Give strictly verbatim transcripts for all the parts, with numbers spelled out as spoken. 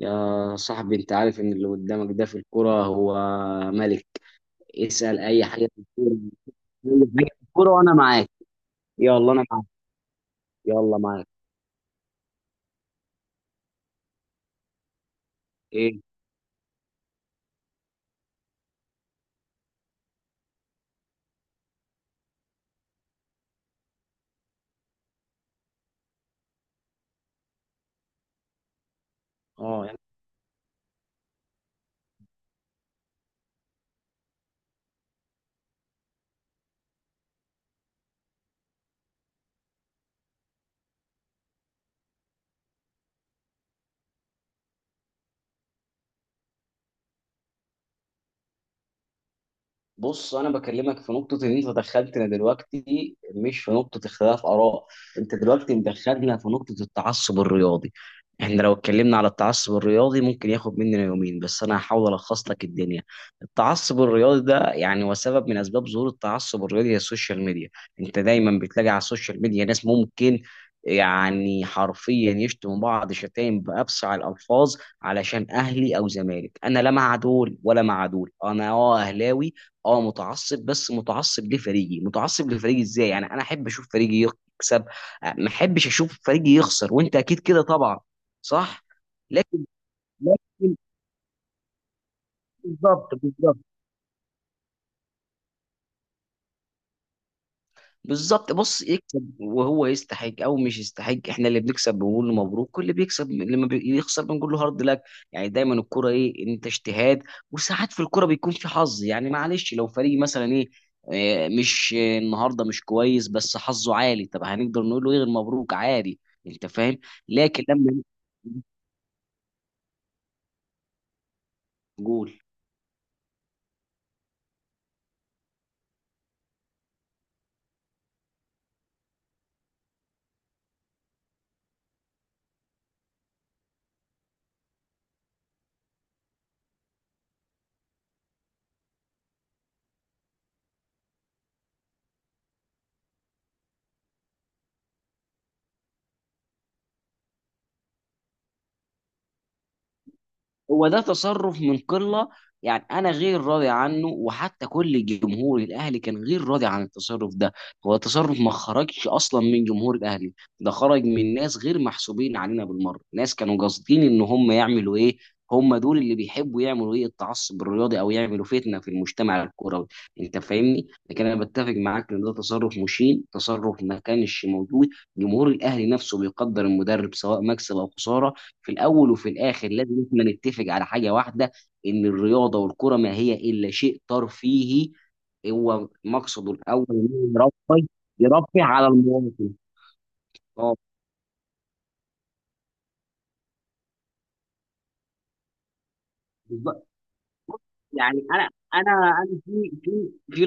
يا صاحبي، انت عارف ان اللي قدامك ده في الكرة هو ملك. اسأل اي حاجة في الكورة، اي حاجة في الكورة وانا معاك. يلا انا معاك. يلا معاك. ايه. اه. بص انا بكلمك في نقطه ان انت دخلتنا دلوقتي مش في نقطه اختلاف اراء. انت دلوقتي مدخلنا في نقطه التعصب الرياضي. احنا لو اتكلمنا على التعصب الرياضي ممكن ياخد مننا يومين، بس انا هحاول الخص لك الدنيا. التعصب الرياضي ده يعني وسبب من اسباب ظهور التعصب الرياضي هي السوشيال ميديا. انت دايما بتلاقي على السوشيال ميديا ناس ممكن يعني حرفيا يشتموا بعض شتايم بأبشع الألفاظ علشان أهلي أو زمالك. أنا لا مع دول ولا مع دول، أنا أه أهلاوي. اه متعصب، بس متعصب لفريقي. متعصب لفريقي ازاي؟ يعني انا احب اشوف فريقي يكسب، ما احبش اشوف فريقي يخسر، وانت اكيد كده طبعا. صح. لكن، لكن. بالظبط، بالظبط، بالظبط. بص، يكسب وهو يستحق او مش يستحق، احنا اللي بنكسب بنقول له مبروك، واللي بيكسب لما بيخسر بنقول له هارد لك. يعني دايما الكرة ايه، انت اجتهاد. وساعات في الكرة بيكون في حظ، يعني معلش لو فريق مثلا ايه آه، مش آه، النهارده مش كويس بس حظه عالي، طب هنقدر نقول له ايه غير مبروك؟ عادي. انت فاهم. لكن لما جول. هو ده تصرف من قله، يعني انا غير راضي عنه، وحتى كل جمهور الاهلي كان غير راضي عن التصرف ده. هو تصرف ما خرجش اصلا من جمهور الاهلي، ده خرج من ناس غير محسوبين علينا بالمره. ناس كانوا قاصدين ان هم يعملوا ايه، هم دول اللي بيحبوا يعملوا ايه التعصب الرياضي او يعملوا فتنه في المجتمع الكروي. انت فاهمني، لكن انا بتفق معاك ان ده تصرف مشين، تصرف ما كانش موجود. جمهور الاهلي نفسه بيقدر المدرب سواء مكسب او خساره. في الاول وفي الاخر لازم احنا نتفق على حاجه واحده، ان الرياضه والكره ما هي الا شيء ترفيهي. هو مقصده الاول إن هو يرفه، يرفه على المواطن. اه. بالظبط. يعني انا انا انا في في في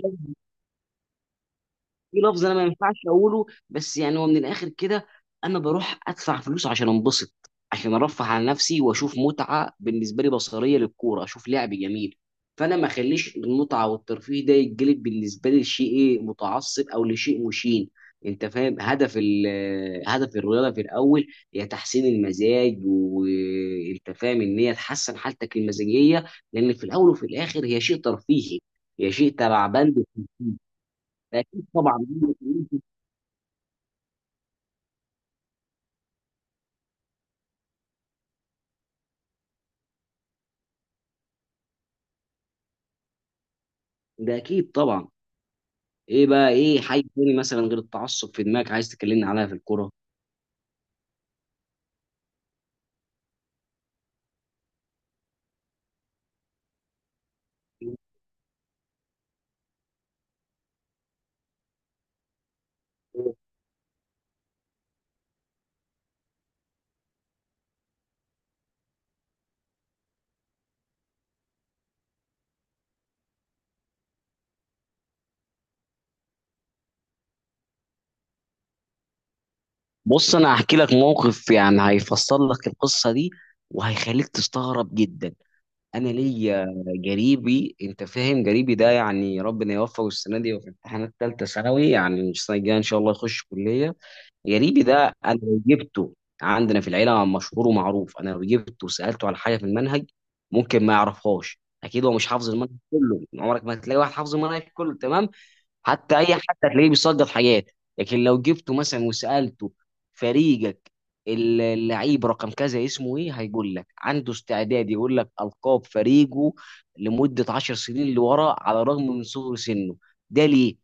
في لفظ انا ما ينفعش اقوله، بس يعني هو من الاخر كده، انا بروح ادفع فلوس عشان انبسط، عشان ارفه عن نفسي واشوف متعه بالنسبه لي بصريه للكوره، اشوف لعب جميل. فانا ما اخليش المتعه والترفيه ده يتجلب بالنسبه لي لشيء ايه متعصب او لشيء مشين. انت فاهم، هدف ال- آه، هدف الرياضه في الاول هي تحسين المزاج، وانت فاهم ان هي تحسن حالتك المزاجيه، لان في الاول وفي الاخر هي شيء ترفيهي. هي شيء تبع بند الترفيه. ده اكيد طبعا. ده اكيد طبعا. ايه بقى؟ ايه حاجه تاني مثلا غير التعصب في دماغك عايز تكلمني عليها في الكوره؟ بص، انا هحكي لك موقف يعني هيفصل لك القصه دي وهيخليك تستغرب جدا. انا ليا جريبي، انت فاهم، جريبي ده يعني ربنا يوفقه، السنه دي وفي امتحانات ثالثه ثانوي، يعني السنه الجايه ان شاء الله يخش كليه. غريبي ده انا لو جبته، عندنا في العيله مشهور ومعروف، انا لو جبته وسالته على حاجه في المنهج ممكن ما يعرفهاش، اكيد هو مش حافظ المنهج كله، عمرك ما هتلاقي واحد حافظ المنهج كله تمام، حتى اي حد هتلاقيه بيصدر حاجات. لكن لو جبته مثلا وسالته فريقك اللعيب رقم كذا اسمه ايه، هيقول لك. عنده استعداد يقول لك القاب فريقه لمده عشر سنين لورا، على الرغم من صغر سنه. ده ليه؟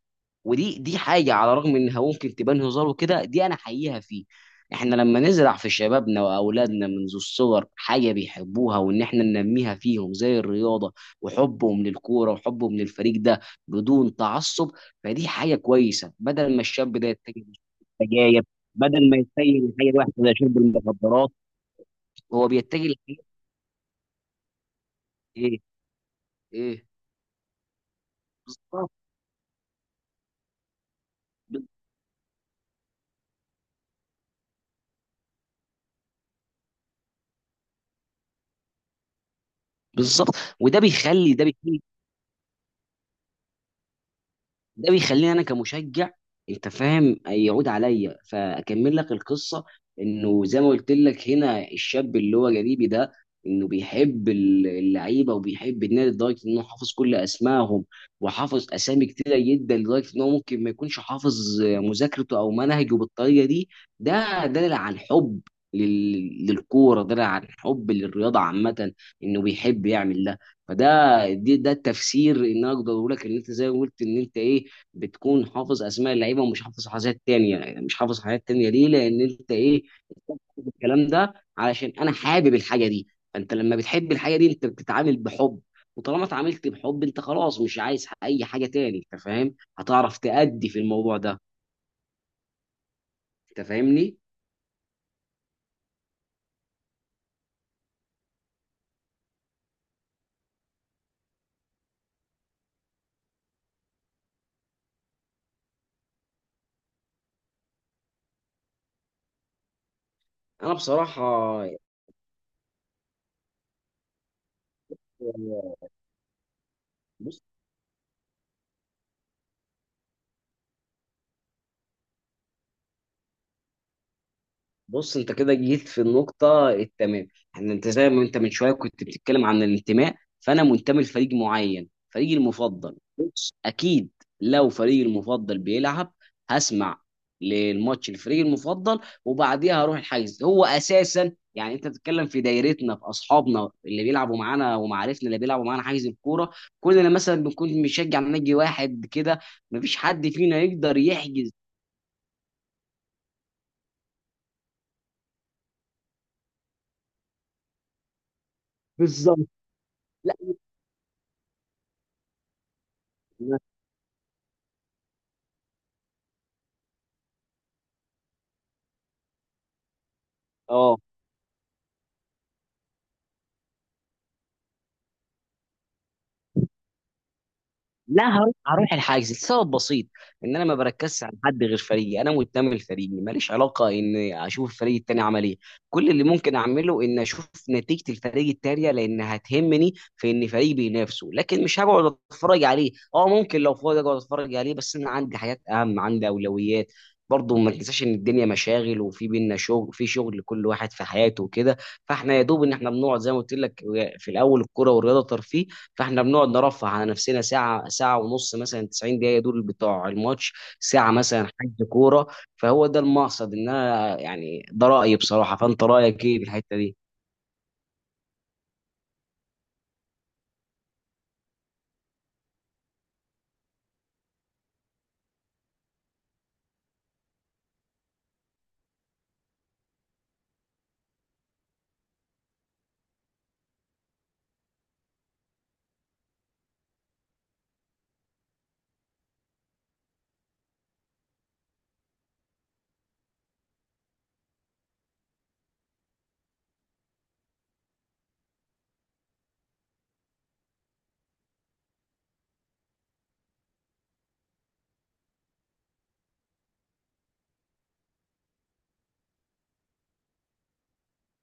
ودي دي حاجه، على الرغم انها ممكن تبان هزار وكده، دي انا حقيقها فيه. احنا لما نزرع في شبابنا واولادنا منذ الصغر حاجه بيحبوها، وان احنا ننميها فيهم زي الرياضه وحبهم للكوره وحبهم للفريق ده بدون تعصب، فدي حاجه كويسه، بدل ما الشاب ده يتجه للسجاير، بدل ما يتجه لحاجه واحده زي شرب المخدرات. هو بيتجه لحاجه ايه. ايه. بالظبط، بالظبط. وده بيخلي ده بيخلي ده بيخليني انا كمشجع، انت فاهم، يعود عليا. فاكمل لك القصه، انه زي ما قلت لك هنا الشاب اللي هو جريبي ده، انه بيحب ال- اللعيبه وبيحب النادي لدرجه انه حافظ كل اسمائهم، وحافظ اسامي كتيره جدا لدرجه انه ممكن ما يكونش حافظ مذاكرته او منهجه بالطريقه دي. ده دليل عن حب لل- للكوره، دليل عن حب للرياضه عامه، انه بيحب يعمل ده. فده دي ده التفسير ان أنا اقدر اقول لك ان انت زي ما قلت ان انت ايه، بتكون حافظ اسماء اللعيبه ومش حافظ حاجات تانية، يعني مش حافظ حاجات تانية ليه؟ لان انت ايه، الكلام ده علشان انا حابب الحاجه دي. فانت لما بتحب الحاجه دي انت بتتعامل بحب، وطالما اتعاملت بحب انت خلاص مش عايز اي حاجه تاني، انت فاهم، هتعرف تأدي في الموضوع ده. انت فاهمني. انا بصراحه، يعني بص بص انت كده جيت في النقطة التمام. يعني انت زي ما انت من شوية كنت بتتكلم عن الانتماء، فانا منتمي لفريق معين، فريقي المفضل، بص اكيد لو فريقي المفضل بيلعب هسمع للماتش الفريق المفضل، وبعديها هروح الحجز. هو اساسا يعني انت بتتكلم في دايرتنا، في اصحابنا اللي بيلعبوا معانا ومعارفنا اللي بيلعبوا معانا حجز الكوره، كلنا مثلا بنكون بنشجع نادي واحد كده، مفيش حد فينا يقدر يحجز. بالظبط. لا. اه. لا، هروح، هروح الحاجز لسبب بسيط، ان انا ما بركزش على حد غير فريقي، انا منتمي لفريقي، ماليش علاقه ان اشوف الفريق التاني عمل ايه. كل اللي ممكن اعمله ان اشوف نتيجه الفريق التانيه، لان هتهمني في ان فريقي بينافسه، لكن مش هقعد اتفرج عليه. اه ممكن لو فاضي اقعد اتفرج عليه، بس انا عندي حاجات اهم، عندي اولويات. برضه ما تنساش ان الدنيا مشاغل، وفي بينا شغل، في شغل لكل واحد في حياته وكده. فاحنا يا دوب ان احنا بنقعد زي ما قلت لك، في الاول الكوره والرياضه ترفيه، فاحنا بنقعد نرفه على نفسنا ساعه، ساعه ونص، مثلا تسعين دقيقه دول بتوع الماتش، ساعه مثلا حجز كوره. فهو ده المقصد. ان انا يعني ده رايي بصراحه، فانت رايك ايه في الحته دي؟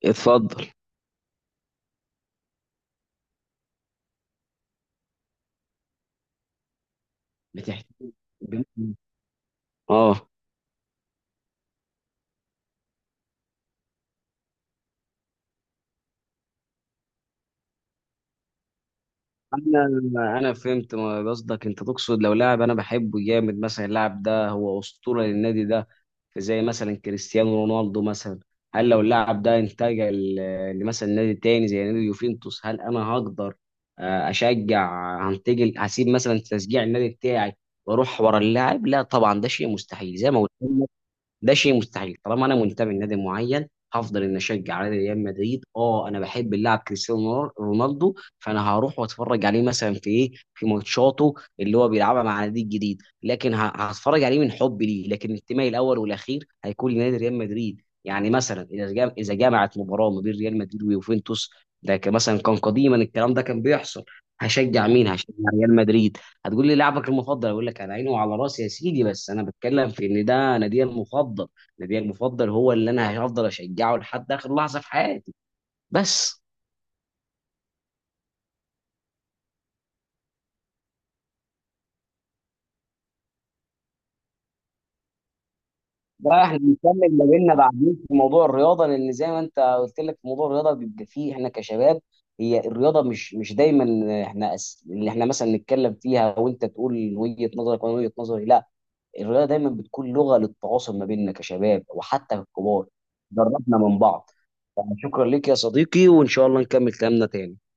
اتفضل. بتحكي. اه انا انا فهمت ما قصدك، انت تقصد لو لاعب انا بحبه جامد مثلا، اللاعب ده هو اسطوره للنادي ده، زي مثلا كريستيانو رونالدو مثلا، هل لو اللاعب ده انتقل آه، لمثلا نادي تاني زي نادي يوفنتوس، هل انا هقدر آه، اشجع، هنتقل، هسيب مثلا تشجيع النادي بتاعي واروح ورا اللاعب؟ لا طبعا، ده شيء مستحيل، زي ما قلت ده شيء مستحيل. طالما انا منتمي لنادي معين هفضل ان اشجع على ريال مدريد. اه انا بحب اللاعب كريستيانو رونالدو، فانا هروح واتفرج عليه مثلا في ايه، في ماتشاته اللي هو بيلعبها مع نادي جديد، لكن ه- هتفرج عليه من حب ليه، لكن انتمائي الاول والاخير هيكون لنادي ريال مدريد. يعني مثلا اذا جام- اذا جمعت مباراه ما بين ريال مدريد ويوفنتوس، ده كان مثلا كان قديما الكلام ده كان بيحصل، هشجع مين؟ هشجع ريال مدريد. هتقول لي لاعبك المفضل، اقول لك على عيني وعلى راسي يا سيدي، بس انا بتكلم في ان ده نادي المفضل، نادي المفضل هو اللي انا هفضل اشجعه لحد اخر لحظه في حياتي. بس. بقى احنا بنكمل ما بيننا بعدين في موضوع الرياضه، لان زي ما انت قلت لك في موضوع الرياضه بيبقى فيه احنا كشباب، هي الرياضه مش مش دايما احنا أس... اللي احنا مثلا نتكلم فيها وانت تقول وجهه نظرك وانا وجهه نظري، لا، الرياضه دايما بتكون لغه للتواصل ما بيننا كشباب وحتى ككبار، قربنا من بعض. يعني شكرا لك يا صديقي، وإن شاء الله نكمل كلامنا تاني.